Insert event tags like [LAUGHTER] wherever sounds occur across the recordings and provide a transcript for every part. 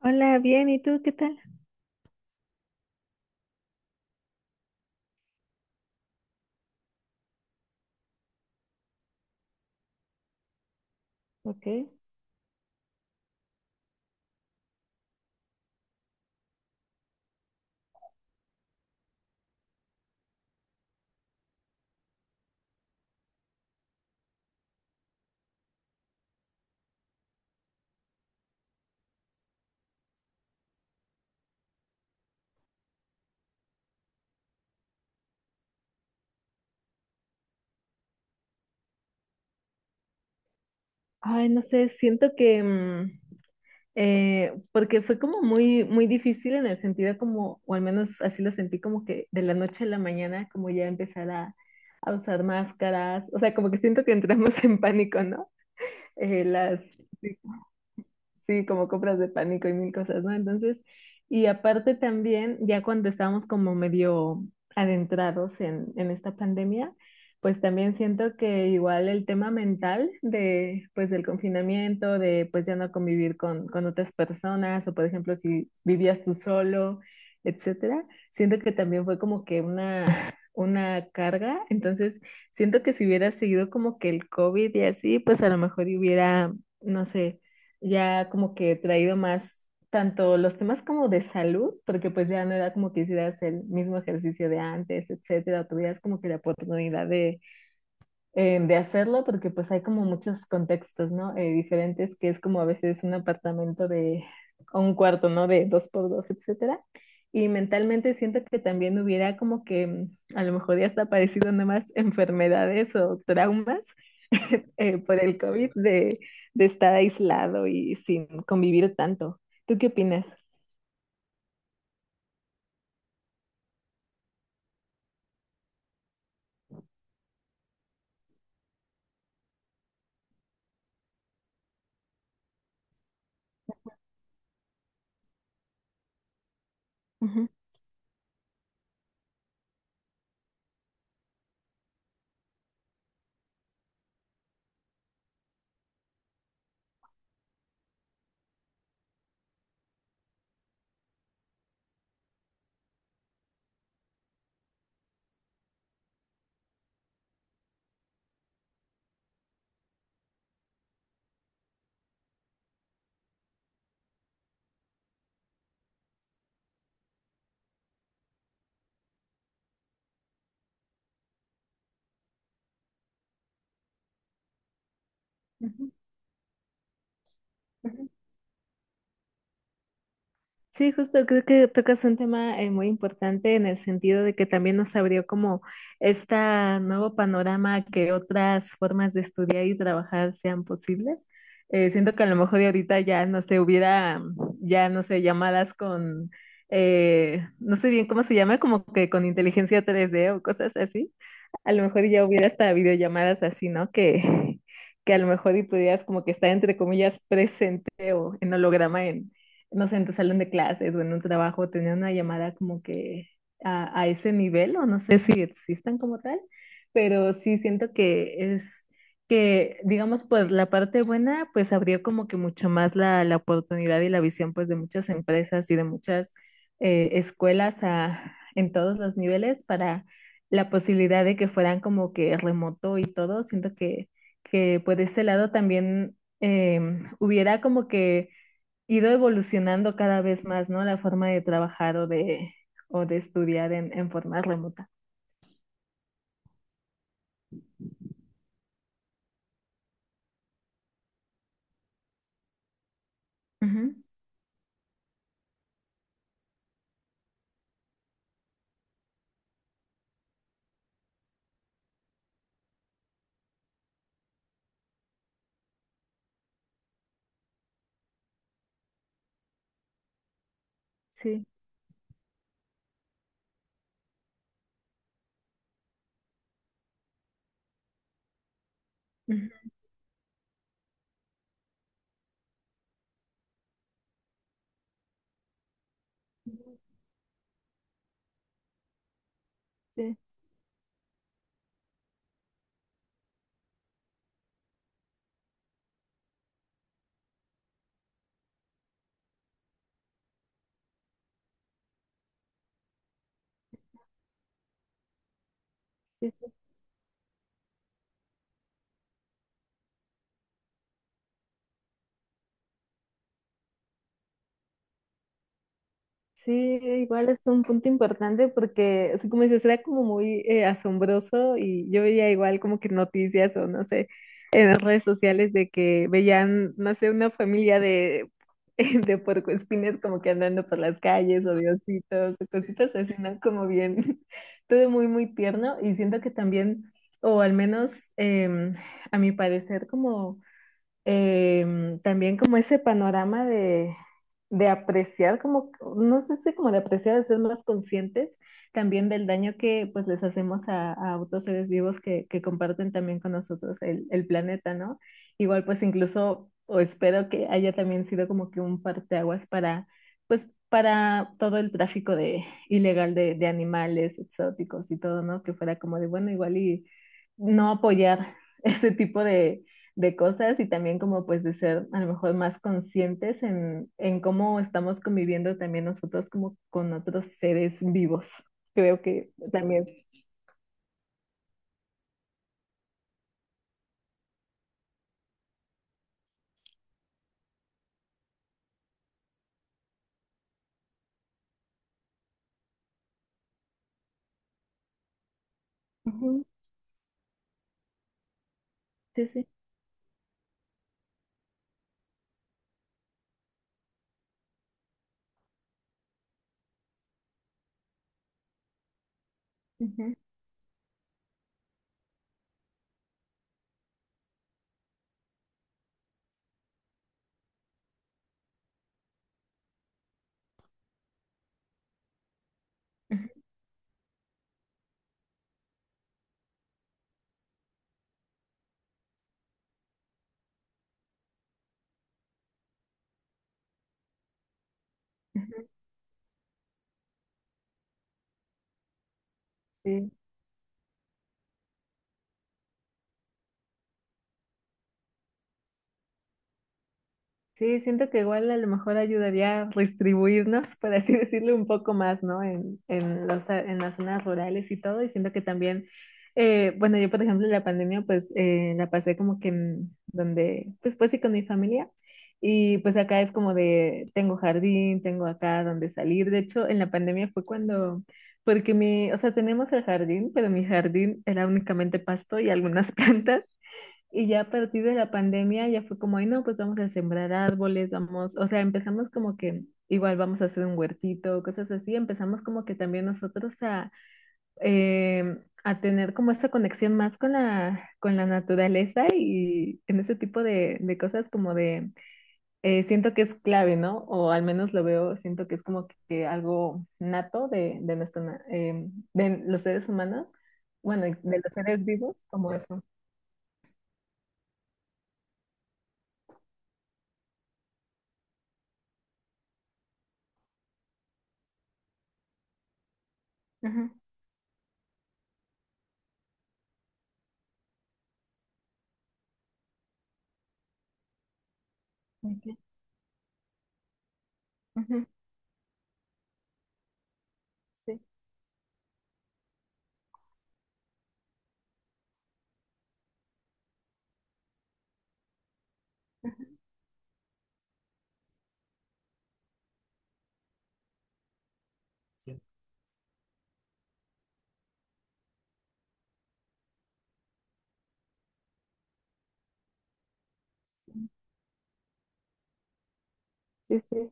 Hola, bien, ¿y tú qué tal? Ok. Ay, no sé, siento que, porque fue como muy, muy difícil en el sentido como, o al menos así lo sentí, como que de la noche a la mañana, como ya empezar a usar máscaras, o sea, como que siento que entramos [LAUGHS] en pánico, ¿no? Eh, las, Sí, como compras de pánico y mil cosas, ¿no? Entonces, y aparte también, ya cuando estábamos como medio adentrados en esta pandemia, pues también siento que igual el tema mental de, pues del confinamiento, de pues ya no convivir con otras personas, o por ejemplo, si vivías tú solo, etcétera, siento que también fue como que una carga. Entonces, siento que si hubiera seguido como que el COVID y así, pues a lo mejor hubiera, no sé, ya como que he traído más tanto los temas como de salud, porque pues ya no era como que hicieras el mismo ejercicio de antes, etcétera, tuvieras como que la oportunidad de hacerlo porque pues hay como muchos contextos, ¿no? Diferentes, que es como a veces un apartamento de o un cuarto, ¿no? De dos por dos, etcétera. Y mentalmente siento que también hubiera como que a lo mejor ya está aparecido nomás enfermedades o traumas [LAUGHS] por el Sí. COVID de estar aislado y sin convivir tanto. ¿Tú qué opinas? Ujú. Ujú, ujú. Sí, justo creo que tocas un tema muy importante en el sentido de que también nos abrió como este nuevo panorama que otras formas de estudiar y trabajar sean posibles. Siento que a lo mejor de ahorita ya no sé, hubiera ya no sé, llamadas con, no sé bien cómo se llama, como que con inteligencia 3D o cosas así. A lo mejor ya hubiera hasta videollamadas así, ¿no? Que a lo mejor y pudieras como que estar entre comillas presente o en holograma, no sé, en tu salón de clases o en un trabajo, tener una llamada como que a ese nivel, o no sé si existan como tal, pero sí siento que es que, digamos, por la parte buena, pues abrió como que mucho más la oportunidad y la visión, pues, de muchas empresas y de muchas escuelas a, en todos los niveles para la posibilidad de que fueran como que remoto y todo. Siento que por ese lado también hubiera como que ido evolucionando cada vez más, ¿no? La forma de trabajar o de estudiar en forma remota. Ujú. Sí. Ujú, ujú. Sí, sí, sí. Sí, igual es un punto importante porque, así como dices, era como muy asombroso y yo veía igual como que noticias o no sé, en las redes sociales de que veían, no sé, una familia de, [LAUGHS] de puercoespines como que andando por las calles o de ositos o cositas así, ¿no? Como bien, [LAUGHS] todo muy, muy tierno y siento que también, o al menos em, a mi parecer, como también como ese panorama de apreciar, como, no sé si como de apreciar, de ser más conscientes también del daño que pues les hacemos a otros seres vivos que comparten también con nosotros el planeta, ¿no? Igual pues incluso, o espero que haya también sido como que un parteaguas para, pues para todo el tráfico de, ilegal de animales exóticos y todo, ¿no? Que fuera como de, bueno, igual y no apoyar [LAUGHS] ese tipo de cosas y también como pues de ser a lo mejor más conscientes en cómo estamos conviviendo también nosotros como con otros seres vivos. Creo que también. Ujú. Sí, sí. Ujú, ujú, ujú, sí. Sí, siento que igual a lo mejor ayudaría a distribuirnos, por así [LAUGHS] decirlo, un poco más, ¿no? En los, en las zonas rurales y todo. Y siento que también, bueno, yo por ejemplo en la pandemia pues la pasé como que en donde, pues pues sí con mi familia. Y pues acá es como de, tengo jardín, tengo acá donde salir. De hecho, en la pandemia fue cuando, porque mi, o sea, tenemos el jardín, pero mi jardín era únicamente pasto y algunas [LAUGHS] plantas. Y ya a partir de la pandemia ya fue como, ay, no, pues vamos a sembrar árboles, vamos, o sea, empezamos como que igual vamos a hacer un huertito, cosas así, empezamos como que también nosotros a, a tener como esta conexión más con la naturaleza y en ese tipo de cosas como de, siento que es clave, ¿no? O al menos lo veo, siento que es como que, algo nato de, nuestra na- de los seres humanos, bueno, y de los seres vivos, como eso. Ajá. Ok. Ujú. Sí, ajá. Sí. Sí, sí.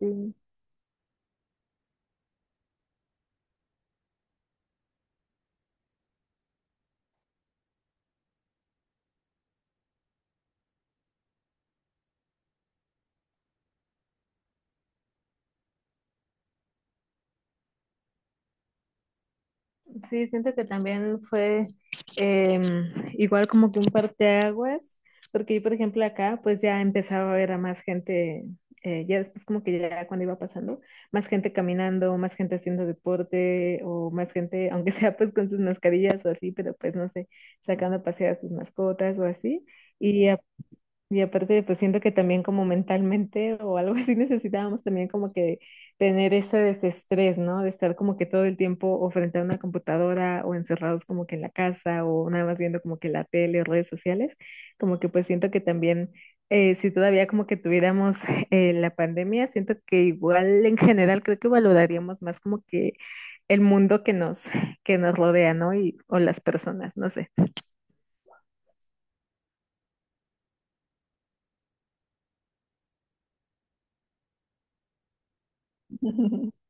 Sí, sí, siento que también fue em, igual como que un parteaguas, porque yo, por ejemplo, acá pues ya empezaba a ver a más gente, ya después como que ya cuando iba pasando, más gente caminando, más gente haciendo deporte o más gente, [LAUGHS] aunque sea pues con sus mascarillas o así, pero pues no sé, sacando a pasear a sus mascotas o así. Y Y aparte, pues siento que también como mentalmente [LAUGHS] o algo así necesitábamos también como que tener ese desestrés, ¿no? De estar como que todo el tiempo o frente a una computadora o encerrados como que en la casa o nada más viendo como que la tele o redes sociales, como que pues siento que también si todavía como que tuviéramos [LAUGHS] la pandemia, siento que igual en general creo que valoraríamos más como que el mundo que nos rodea, ¿no? Y, o las personas, no sé. [LAUGHS]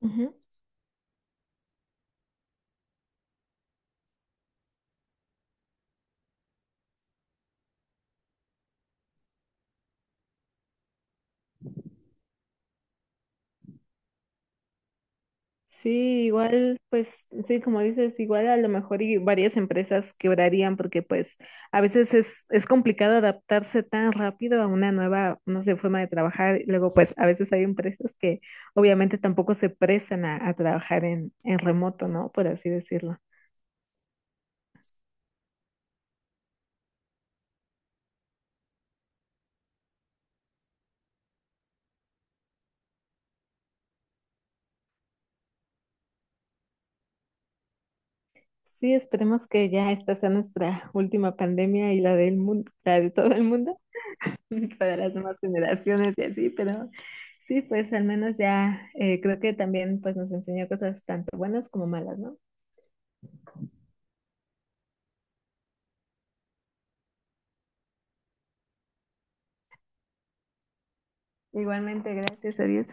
Ujú. Sí, igual, pues, sí, como dices, igual a lo mejor y varias empresas quebrarían porque pues a veces es complicado adaptarse tan rápido a una nueva, no sé, forma de trabajar. Y luego, pues, a veces hay empresas que obviamente tampoco se prestan a trabajar en remoto, ¿no? Por así decirlo. Sí, esperemos que ya esta sea nuestra última pandemia y la del mundo, la de todo el mundo. [LAUGHS] Para las nuevas generaciones y así, pero sí, pues al menos ya creo que también pues nos enseñó cosas tanto buenas como malas, ¿no? Igualmente, gracias a Dios.